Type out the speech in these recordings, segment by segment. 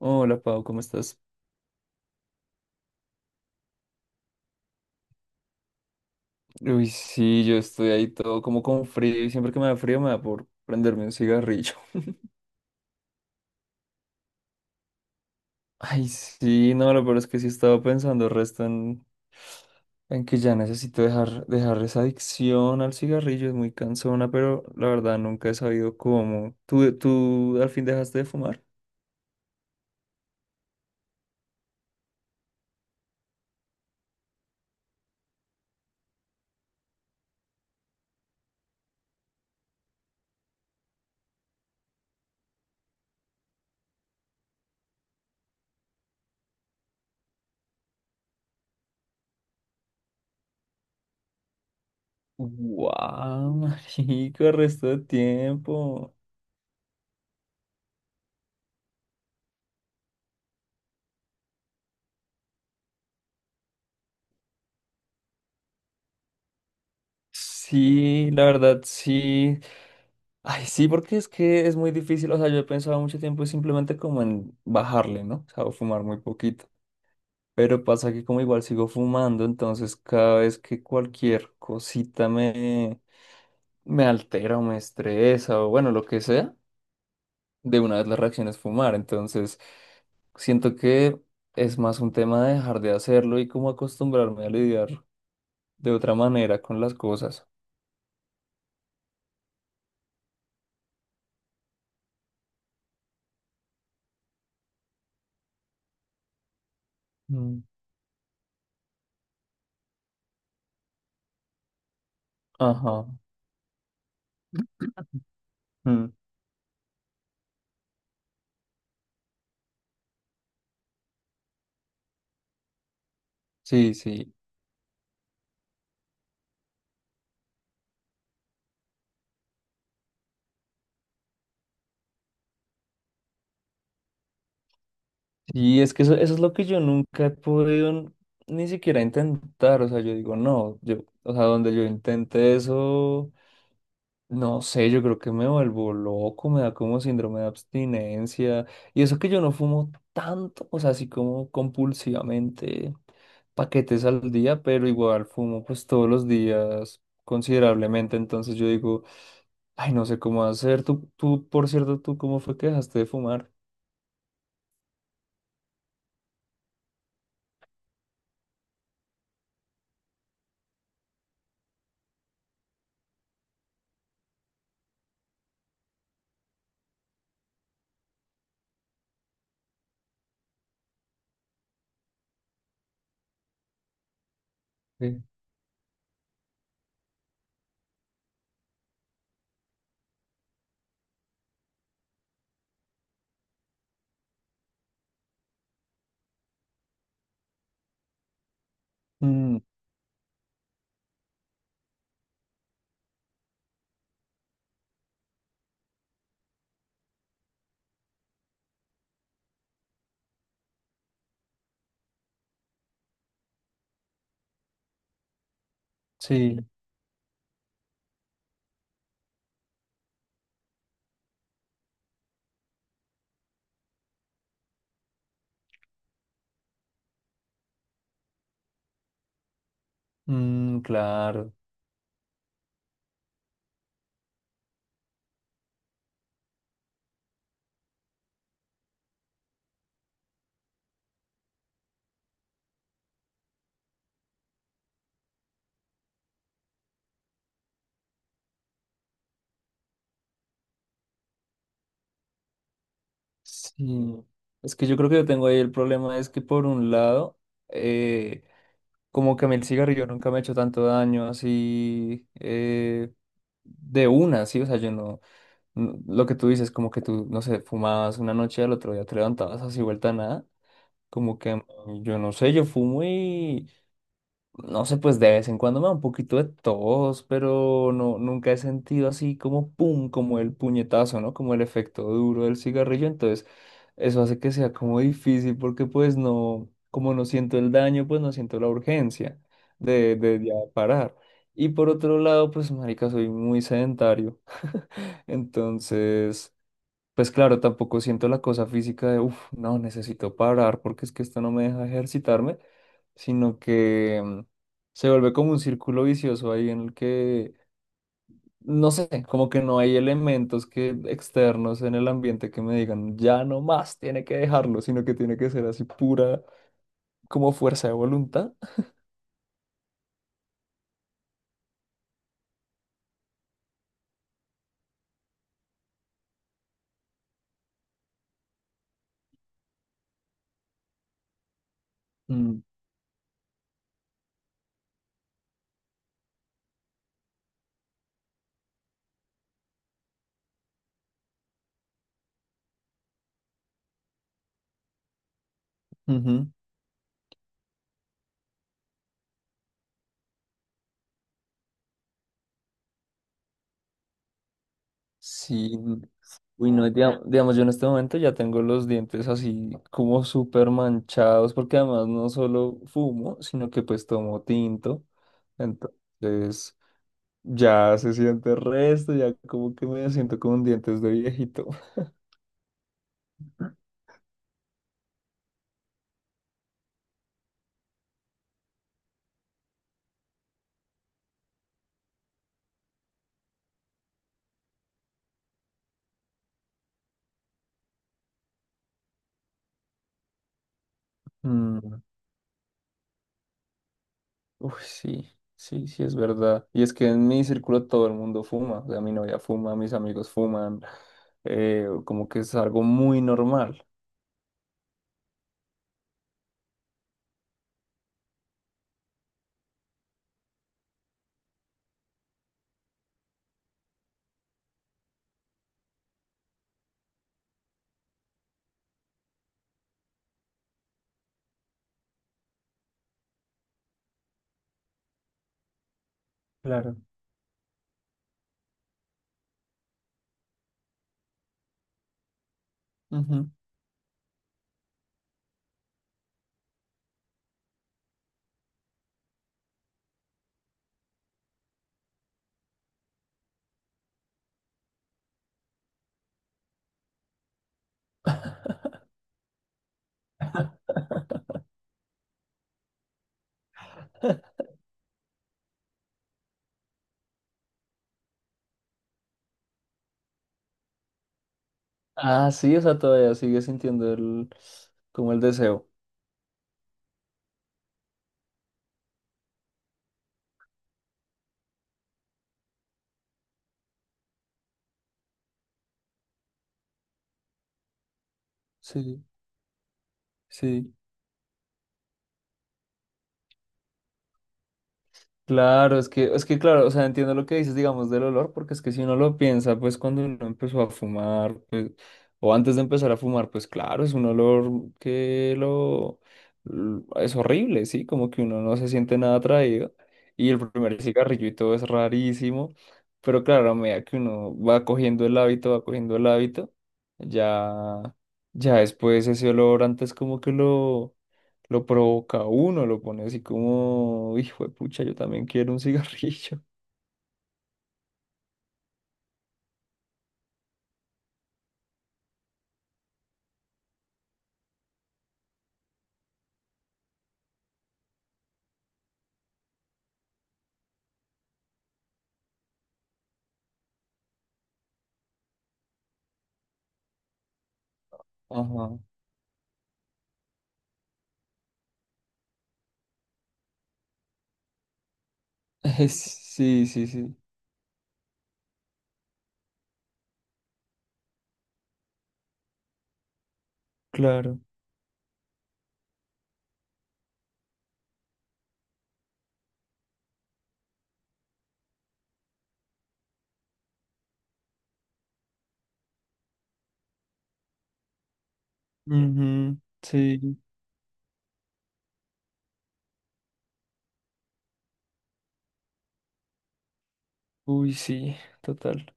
Hola, Pau, ¿cómo estás? Uy, sí, yo estoy ahí todo como con frío y siempre que me da frío me da por prenderme un cigarrillo. Ay, sí, no, lo peor es que sí estaba pensando resto en que ya necesito dejar esa adicción al cigarrillo, es muy cansona, pero la verdad nunca he sabido cómo. ¿¿Tú al fin dejaste de fumar? ¡Guau, marica, resto de tiempo! Sí, la verdad, sí. Ay, sí, porque es que es muy difícil. O sea, yo he pensado mucho tiempo simplemente como en bajarle, ¿no? O sea, o fumar muy poquito. Pero pasa que como igual sigo fumando, entonces cada vez que cualquier cosita me, me altera o me estresa o bueno, lo que sea, de una vez la reacción es fumar. Entonces siento que es más un tema de dejar de hacerlo y como acostumbrarme a lidiar de otra manera con las cosas. Mm. Ajá. Mm. Sí, sí. Y es que eso es lo que yo nunca he podido ni siquiera intentar. O sea, yo digo, no, yo, o sea, donde yo intente eso, no sé, yo creo que me vuelvo loco, me da como síndrome de abstinencia. Y eso que yo no fumo tanto, o sea, así como compulsivamente paquetes al día, pero igual fumo pues todos los días considerablemente. Entonces yo digo, ay, no sé cómo hacer. Tú, por cierto, ¿tú cómo fue que dejaste de fumar? Sí. Mm, sí. Mm, claro, sí. Es que yo creo que yo tengo ahí el problema, es que por un lado, eh, como que a mí el cigarrillo nunca me ha hecho tanto daño así de una, sí, o sea, yo no, lo que tú dices, como que tú, no sé, fumabas una noche y al otro día te levantabas así vuelta a nada, como que a mí, yo no sé, yo fumo. No sé, pues de vez en cuando me da un poquito de tos, pero no, nunca he sentido así como pum, como el puñetazo, ¿no? Como el efecto duro del cigarrillo. Entonces, eso hace que sea como difícil porque pues no, como no siento el daño, pues no siento la urgencia de ya parar. Y por otro lado, pues marica, soy muy sedentario. Entonces, pues claro, tampoco siento la cosa física de, uff, no, necesito parar porque es que esto no me deja ejercitarme, sino que se vuelve como un círculo vicioso ahí en el que, no sé, como que no hay elementos que externos en el ambiente que me digan, ya no más, tiene que dejarlo, sino que tiene que ser así pura como fuerza de voluntad. Mm, ujú. Sí, uy, no, digamos, yo en este momento ya tengo los dientes así como súper manchados, porque además no solo fumo, sino que pues tomo tinto. Entonces ya se siente resto, ya como que me siento con dientes de viejito. Mm, uy, sí, sí, sí, es verdad. Y es que en mi círculo todo el mundo fuma, o sea, mi novia fuma, mis amigos fuman, como que es algo muy normal. Claro. Ah, sí, o sea, todavía sigue sintiendo el, como el deseo. Sí, sí. Claro, es que claro, o sea, entiendo lo que dices, digamos, del olor, porque es que si uno lo piensa, pues cuando uno empezó a fumar, pues, o antes de empezar a fumar, pues claro, es un olor que lo, es horrible, ¿sí? Como que uno no se siente nada atraído, y el primer cigarrillo y todo es rarísimo, pero claro, a medida que uno va cogiendo el hábito, va cogiendo el hábito, ya, ya después ese olor antes como que lo provoca a uno, lo pone así como, hijo de pucha, yo también quiero un cigarrillo. Ajá. Sí, sí, sí, claro. Ujú, sí, uy, sí, total.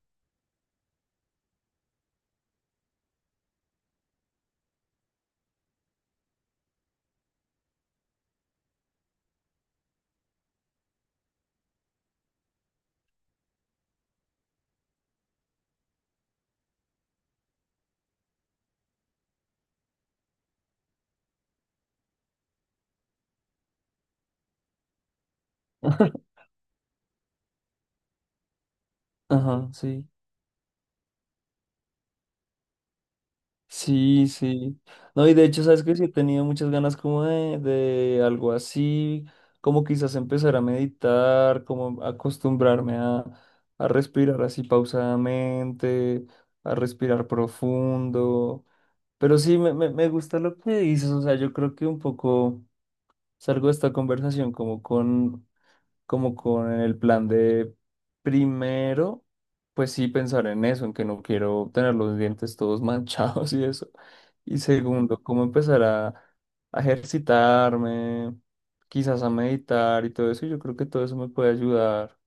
Ajá, sí. Sí, sí. No, y de hecho, sabes que sí he tenido muchas ganas como de algo así, como quizás empezar a meditar, como acostumbrarme a respirar así pausadamente, a respirar profundo. Pero sí, me gusta lo que dices, o sea, yo creo que un poco salgo de esta conversación como con el plan de primero, pues sí pensar en eso, en que no quiero tener los dientes todos manchados y eso. Y segundo, cómo empezar a ejercitarme, quizás a meditar y todo eso. Yo creo que todo eso me puede ayudar.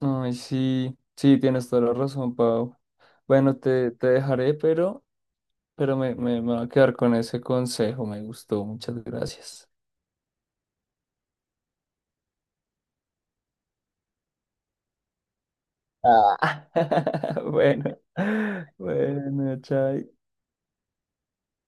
Ay, sí, sí, tienes toda la razón, Pau. Bueno, te dejaré, pero me voy a quedar con ese consejo. Me gustó, muchas gracias. Ah. Bueno, bueno, chao.